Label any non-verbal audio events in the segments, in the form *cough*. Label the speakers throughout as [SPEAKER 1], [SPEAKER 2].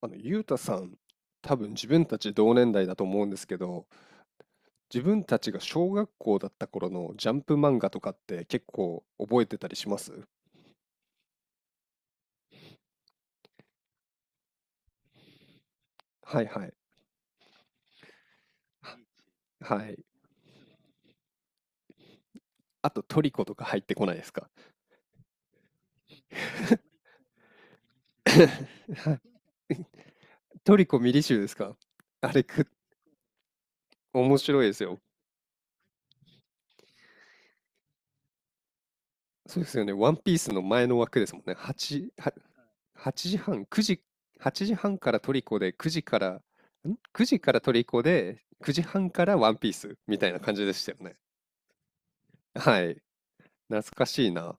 [SPEAKER 1] あの、ゆうたさん、多分自分たち同年代だと思うんですけど、自分たちが小学校だった頃のジャンプ漫画とかって結構覚えてたりします？はいはい。ははい。あとトリコとか入ってこないですか？はい。トリコミリ集ですか？ *laughs* あれく、面白いですよ。そうですよね。ワンピースの前の枠ですもんね。8時半、9時、8時半からトリコで、9 時からトリコで、9時半からワンピースみたいな感じでしたよね。はい。懐かしいな。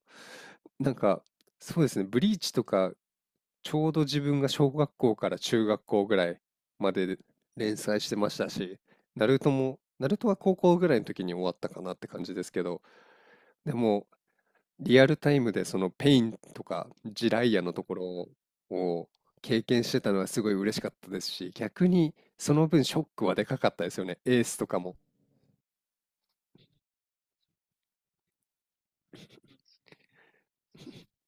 [SPEAKER 1] なんか、そうですね、ブリーチとか、ちょうど自分が小学校から中学校ぐらいまでで連載してましたし、ナルトも、ナルトは高校ぐらいの時に終わったかなって感じですけど、でも、リアルタイムでそのペインとかジライアのところを経験してたのはすごい嬉しかったですし、逆にその分ショックはでかかったですよね、エースとかも。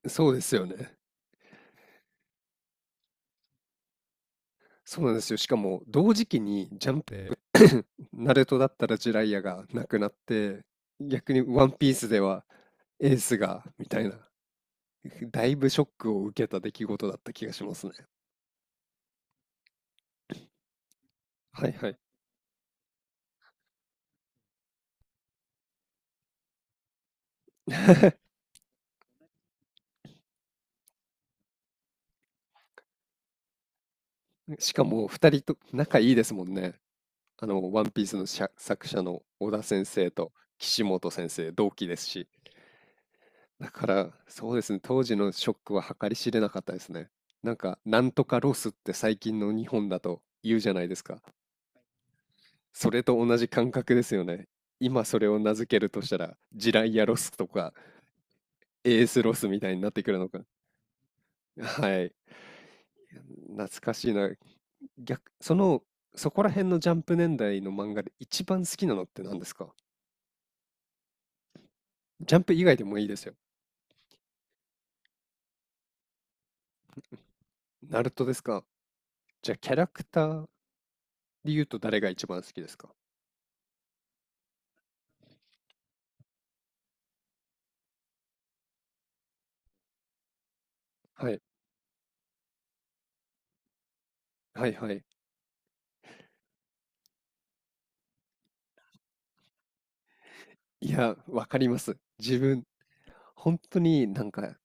[SPEAKER 1] そうですよね。そうなんですよ。しかも同時期にジャンプ、で、*laughs* ナルトだったらジライアがなくなって、逆にワンピースではエースがみたいな、*laughs* だいぶショックを受けた出来事だった気がしますね。はいはい。しかも2人と仲いいですもんね。あの、ワンピースの作者の小田先生と岸本先生、同期ですし。だから、そうですね、当時のショックは計り知れなかったですね。なんか、なんとかロスって最近の日本だと言うじゃないですか。それと同じ感覚ですよね。今それを名付けるとしたら、ジライアロスとか、エースロスみたいになってくるのか。はい。懐かしいな。逆、その、そこら辺のジャンプ年代の漫画で一番好きなのって何ですか？ジャンプ以外でもいいですよ。ナルトですか？じゃあ、キャラクターで言うと誰が一番好きですか？はい。はいはい。いや、わかります。自分、本当になんか、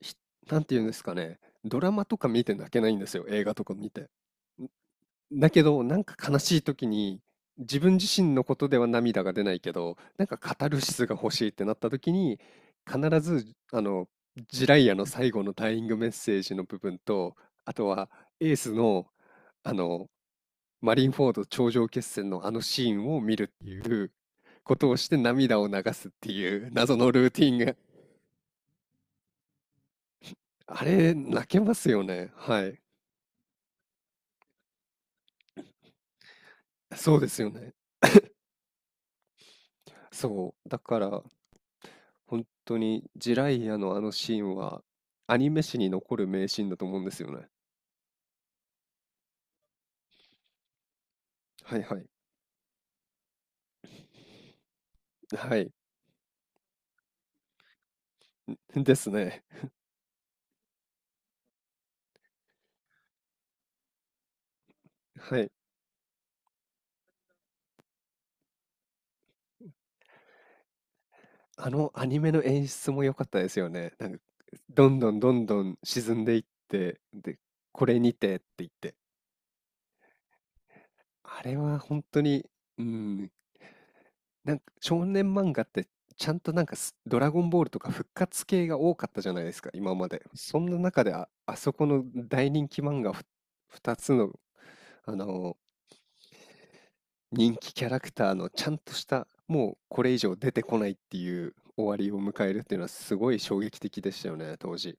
[SPEAKER 1] ひなんて言うんですかね。ドラマとか見て泣けないんですよ。映画とか見て。だけど、なんか悲しい時に、自分自身のことでは涙が出ないけど、なんかカタルシスが欲しいってなった時に、必ず、あの、ジライアの最後のダイイングメッセージの部分と、あとはエースの、あの、マリンフォード頂上決戦のあのシーンを見るっていうことをして涙を流すっていう謎のルーティンが、あれ、泣けますよね。はい。そうですよね。そう。だから、本当にジライアのあのシーンはアニメ史に残る名シーンだと思うんですよね。はいはい。はい。*laughs* ですね。はい。あのアニメの演出も良かったですよね。なんか、どんどんどんどん沈んでいって、で、これにてって言って。あれは本当に、うん、なんか少年漫画ってちゃんとなんかドラゴンボールとか復活系が多かったじゃないですか、今まで。そんな中であそこの大人気漫画2つの、あの人気キャラクターのちゃんとした、もうこれ以上出てこないっていう終わりを迎えるっていうのはすごい衝撃的でしたよね、当時。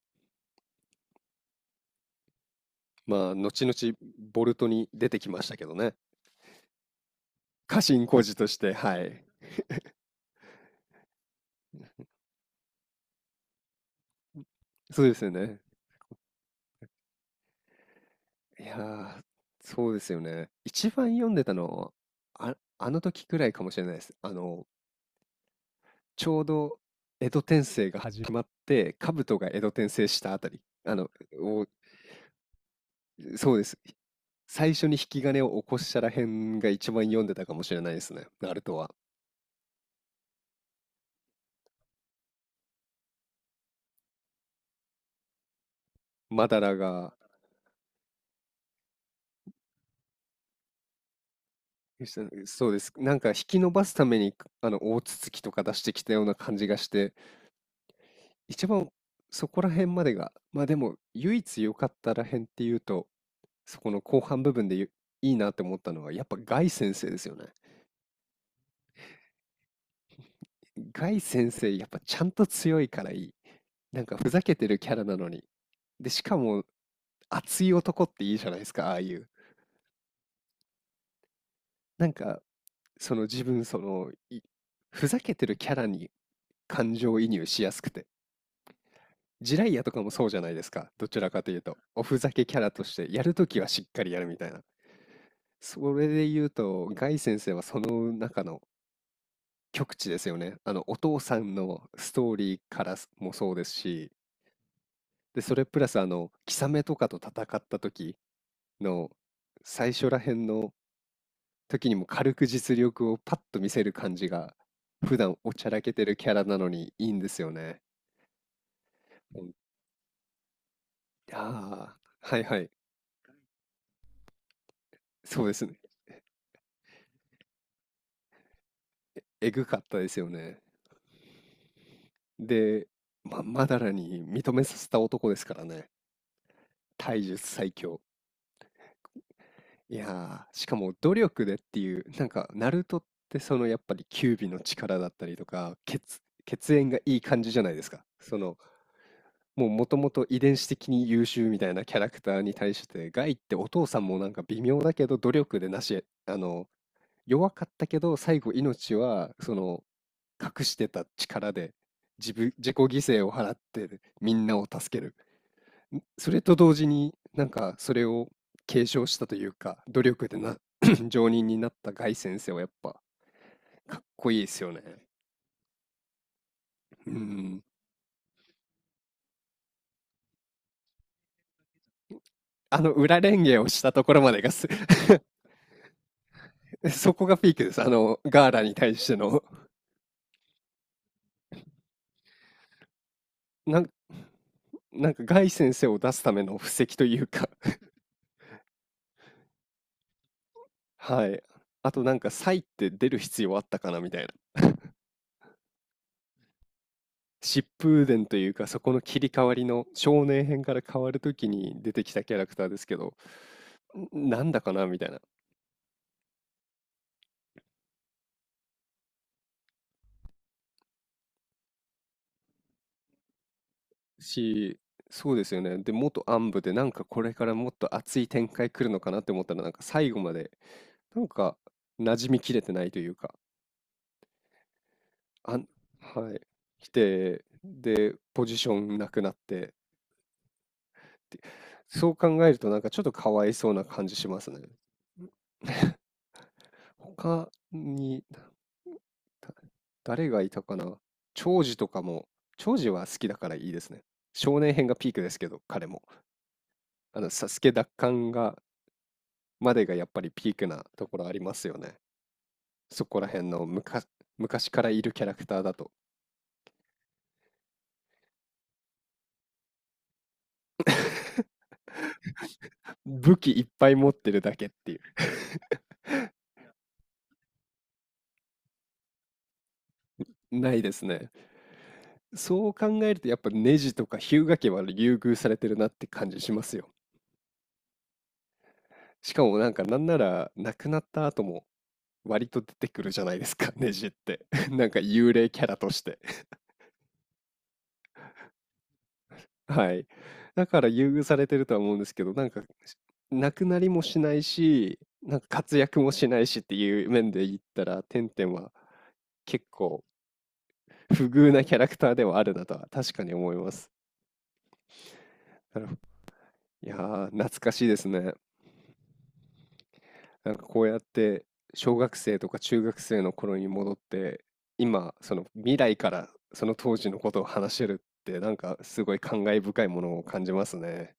[SPEAKER 1] まあ、後々ボルトに出てきましたけどね。家臣小路として、はい。そうですよね。いやー、そうですよね。一番読んでたのは、あの時くらいかもしれないです。あの、ちょうど江戸転生が始まって、兜が江戸転生したあたり、をそうです。最初に引き金を起こしたらへんが一番読んでたかもしれないですね、ナルトは。マダラが、そうです。なんか引き伸ばすために、あの、大筒木とか出してきたような感じがして、一番そこら辺までが、まあでも、唯一良かったらへんっていうと、そこの後半部分でいいなって思ったのは、やっぱガイ先生ですよね。ガイ先生、やっぱちゃんと強いからいい。なんかふざけてるキャラなのに。で、しかも熱い男っていいじゃないですか、ああいう。なんか自分そのいふざけてるキャラに感情移入しやすくて、ジライアとかもそうじゃないですか？どちらかというとおふざけキャラとしてやるときはしっかりやるみたいな。それで言うとガイ先生はその中の極致ですよね。あのお父さんのストーリーからもそうですし、でそれプラスあのキサメとかと戦った時の最初らへんの時にも軽く実力をパッと見せる感じが、普段おちゃらけてるキャラなのにいいんですよね。うん、ああ、はいはい、そうですね。えぐかったですよね。で、まだらに認めさせた男ですからね。体術最強。いやー、しかも努力でっていう、なんか、ナルトってそのやっぱり九尾の力だったりとか、血縁がいい感じじゃないですか。そのもうもともと遺伝子的に優秀みたいなキャラクターに対して、ガイってお父さんもなんか微妙だけど努力でなし、あの、弱かったけど最後命はその隠してた力で自己犠牲を払ってみんなを助ける。それと同時になんかそれを継承したというか、努力でな、*coughs* *clears throat* 上人になったガイ先生はやっぱかっこいいですよね。うん。あの裏レンゲをしたところまでが*laughs* *laughs* そこがピークです。あの、ガーラに対しての。*laughs* なん、なんか、ガイ先生を出すための布石というか。 *laughs* はい。あと、なんか、サイって出る必要あったかなみたいな。疾風伝というか、そこの切り替わりの少年編から変わるときに出てきたキャラクターですけど、なんだかなみたいな。し、そうですよね。で、元暗部で、なんかこれからもっと熱い展開来るのかなって思ったら、なんか最後まで、なんか馴染みきれてないというか、あんはい。来て、で、ポジションなくなって、って、そう考えるとなんかちょっとかわいそうな感じしますね。他に、だ誰がいたかな。長司とかも、長司は好きだからいいですね。少年編がピークですけど、彼も。あの、s a s 奪還までがやっぱりピークなところありますよね。そこら辺の昔昔からいるキャラクターだと。武器いっぱい持ってるだけっていう。ないですね。そう考えるとやっぱネジとか日向家は優遇されてるなって感じしますよ。しかもなんかなんなら亡くなった後も割と出てくるじゃないですか、ネジって。*laughs* なんか幽霊キャラとして。*laughs* はい。だから優遇されてるとは思うんですけど、なんか亡くなりもしないし、なんか活躍もしないしっていう面で言ったら、テンテンは結構不遇なキャラクターではあるなとは確かに思います。なるほど。いやー、懐かしいですね。なんかこうやって小学生とか中学生の頃に戻って今その未来からその当時のことを話せるってなんかすごい感慨深いものを感じますね。